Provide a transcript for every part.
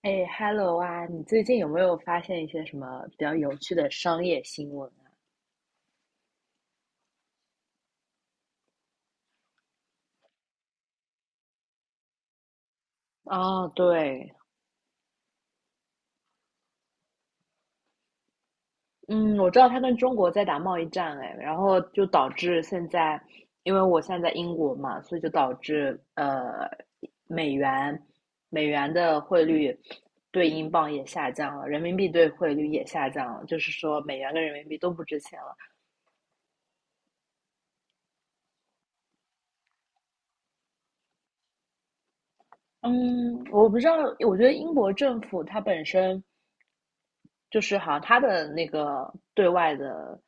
哎，Hello 啊，你最近有没有发现一些什么比较有趣的商业新闻啊？哦，对，嗯，我知道他跟中国在打贸易战，哎，然后就导致现在，因为我现在在英国嘛，所以就导致美元美元的汇率对英镑也下降了，人民币对汇率也下降了，就是说美元跟人民币都不值钱了。嗯，我不知道，我觉得英国政府它本身。就是好像它的那个对外的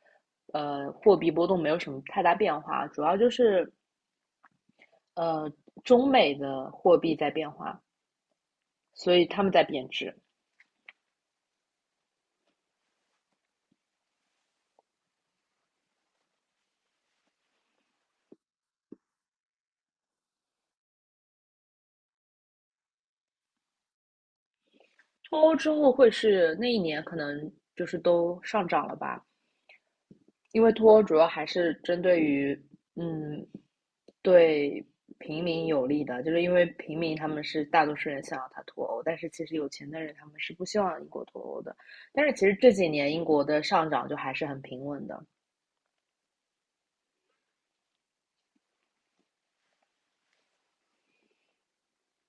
货币波动没有什么太大变化，主要就是呃中美的货币在变化，所以他们在贬值。脱欧之后会是那一年可能就是都上涨了吧？因为脱欧主要还是针对于，嗯，对平民有利的，就是因为平民他们是大多数人想要他脱欧，但是其实有钱的人他们是不希望英国脱欧的。但是其实这几年英国的上涨就还是很平稳的。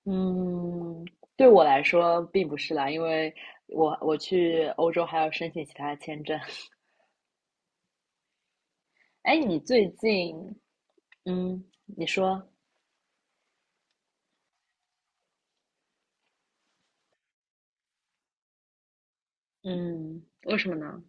嗯，对我来说并不是啦，因为我去欧洲还要申请其他的签证。哎，你最近，嗯，你说，嗯，为什么呢？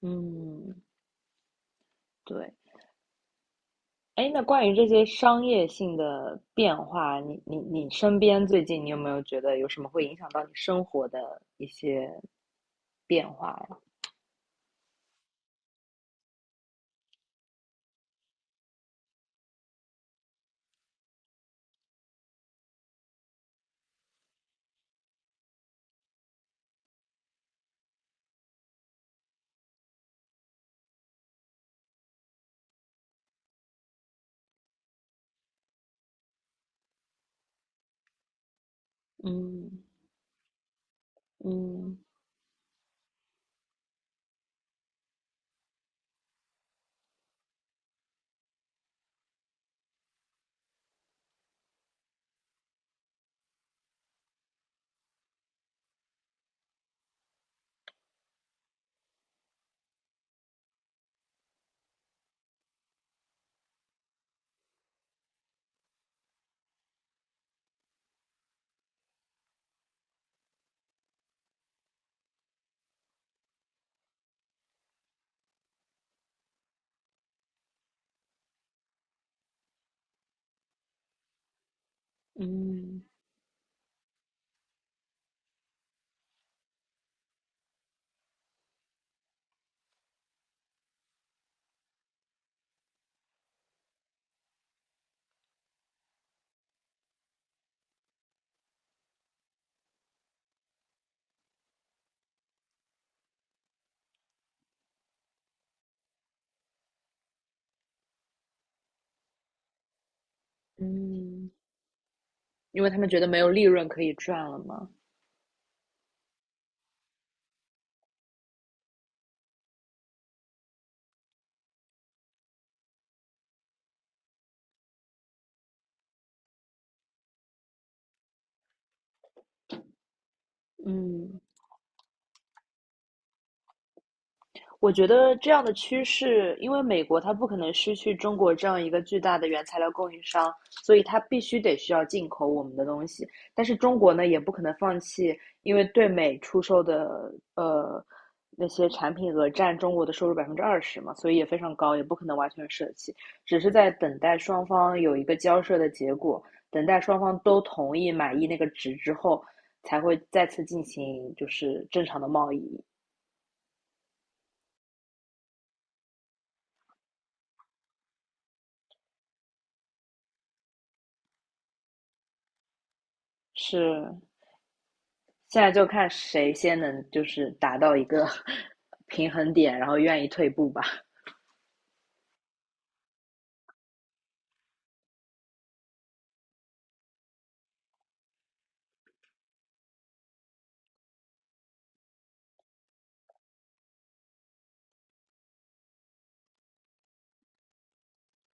嗯，对。哎，那关于这些商业性的变化，你身边最近你有没有觉得有什么会影响到你生活的一些变化呀？嗯，嗯，嗯，嗯，因为他们觉得没有利润可以赚了嘛。嗯我觉得这样的趋势，因为美国它不可能失去中国这样一个巨大的原材料供应商，所以它必须得需要进口我们的东西。但是中国呢，也不可能放弃，因为对美出售的呃那些产品额占中国的收入20%嘛，所以也非常高，也不可能完全舍弃，只是在等待双方有一个交涉的结果，等待双方都同意满意那个值之后，才会再次进行就是正常的贸易。是现在就看谁先能就是达到一个 平衡点，然后愿意退步吧。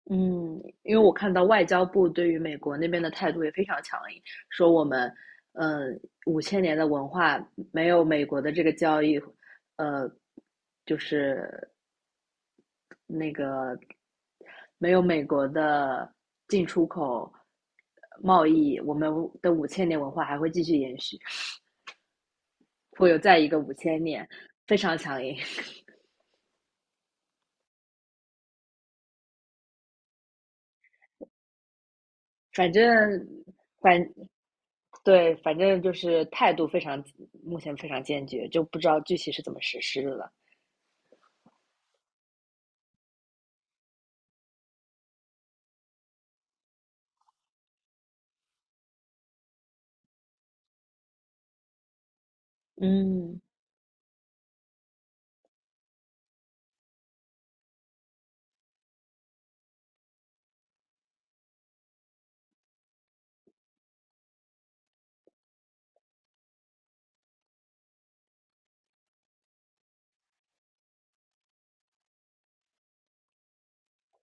嗯，因为我看到外交部对于美国那边的态度也非常强硬，说我们，嗯，五千年的文化没有美国的这个交易，呃，就是那个没有美国的进出口贸易，我们的五千年文化还会继续延续，会有再一个五千年，非常强硬。反正反对，反正就是态度非常，目前非常坚决，就不知道具体是怎么实施的了。嗯，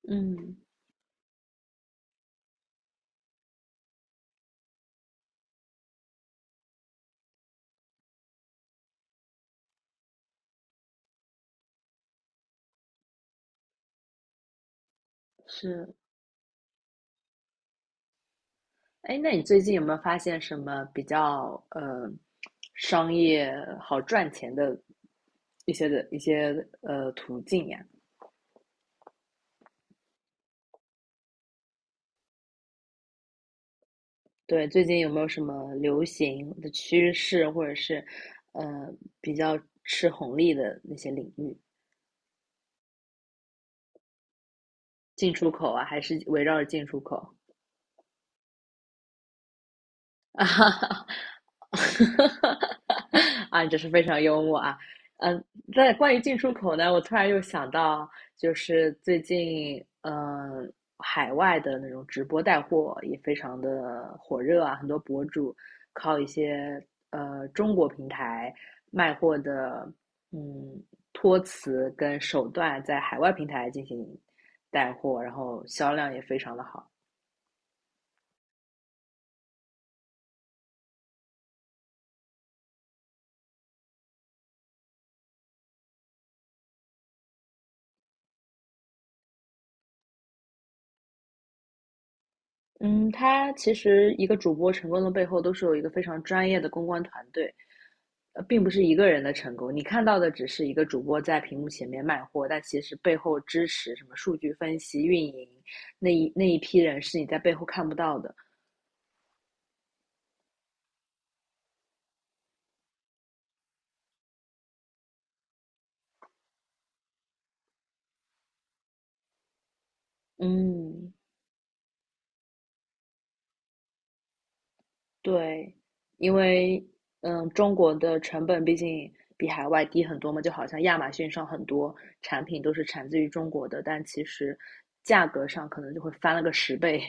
嗯，是。哎，那你最近有没有发现什么比较商业好赚钱的一些途径呀？对，最近有没有什么流行的趋势，或者是呃比较吃红利的那些领域？进出口啊，还是围绕着进出口？啊哈哈，啊，你真是非常幽默啊。嗯，在关于进出口呢，我突然又想到，就是最近，海外的那种直播带货也非常的火热啊，很多博主靠一些中国平台卖货的，嗯，托词跟手段，在海外平台进行带货，然后销量也非常的好。嗯，他其实一个主播成功的背后，都是有一个非常专业的公关团队，并不是一个人的成功。你看到的只是一个主播在屏幕前面卖货，但其实背后支持什么数据分析、运营那一批人是你在背后看不到的。嗯，对，因为中国的成本毕竟比海外低很多嘛，就好像亚马逊上很多产品都是产自于中国的，但其实价格上可能就会翻了个10倍。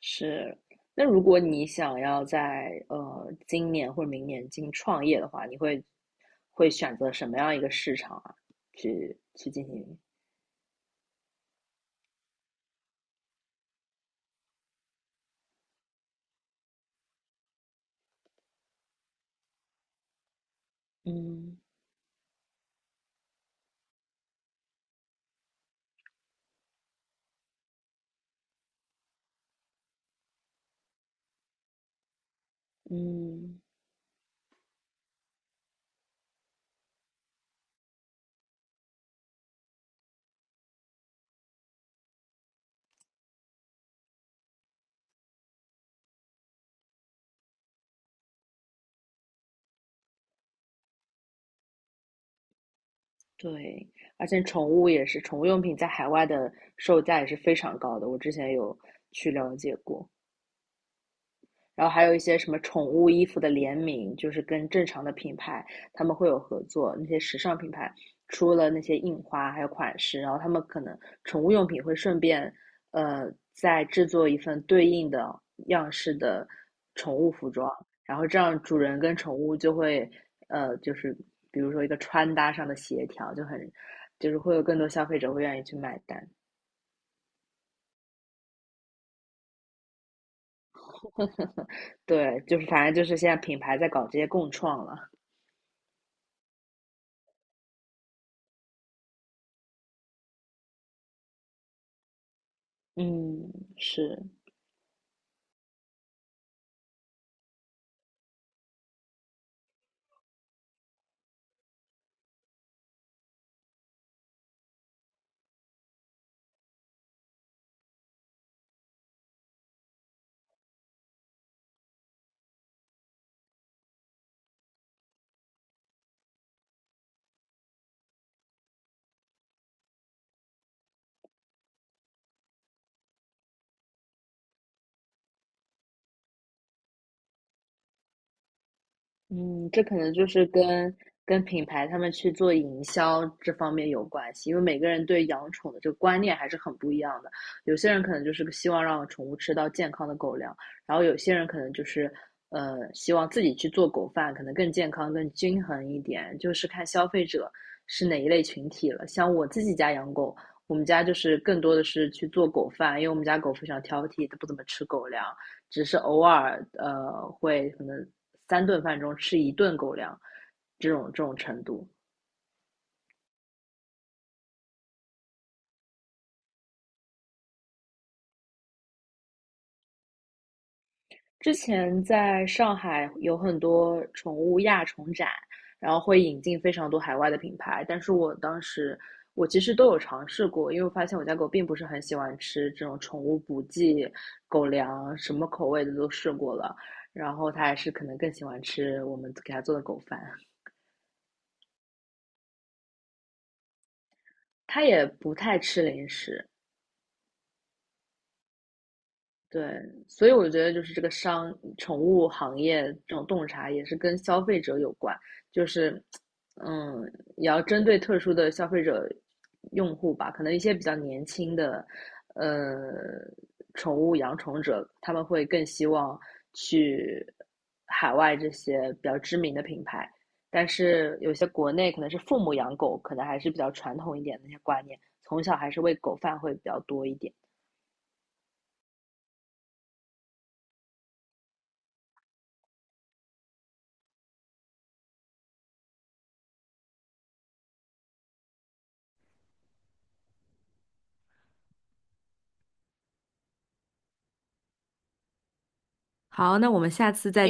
是，那如果你想要在今年或者明年进行创业的话，你会选择什么样一个市场啊？去进行？嗯，嗯，对，而且宠物也是，宠物用品在海外的售价也是非常高的，我之前有去了解过。然后还有一些什么宠物衣服的联名，就是跟正常的品牌他们会有合作，那些时尚品牌出了那些印花还有款式，然后他们可能宠物用品会顺便再制作一份对应的样式的宠物服装，然后这样主人跟宠物就会就是比如说一个穿搭上的协调，就很就是会有更多消费者会愿意去买单。对，就是反正就是现在品牌在搞这些共创了。嗯，是。嗯，这可能就是跟品牌他们去做营销这方面有关系，因为每个人对养宠的这个观念还是很不一样的。有些人可能就是希望让宠物吃到健康的狗粮，然后有些人可能就是希望自己去做狗饭，可能更健康、更均衡一点，就是看消费者是哪一类群体了。像我自己家养狗，我们家就是更多的是去做狗饭，因为我们家狗非常挑剔，它不怎么吃狗粮。只是偶尔会可能三顿饭中吃一顿狗粮，这种程度。之前在上海有很多宠物亚宠展，然后会引进非常多海外的品牌，但是我当时我其实都有尝试过，因为我发现我家狗并不是很喜欢吃这种宠物补剂狗粮，什么口味的都试过了，然后它还是可能更喜欢吃我们给它做的狗饭，它也不太吃零食。对，所以我觉得就是这个宠物行业这种洞察也是跟消费者有关，就是，嗯，也要针对特殊的消费者用户吧，可能一些比较年轻的，呃，宠物养宠者，他们会更希望去海外这些比较知名的品牌，但是有些国内可能是父母养狗，可能还是比较传统一点的那些观念，从小还是喂狗饭会比较多一点。好，那我们下次再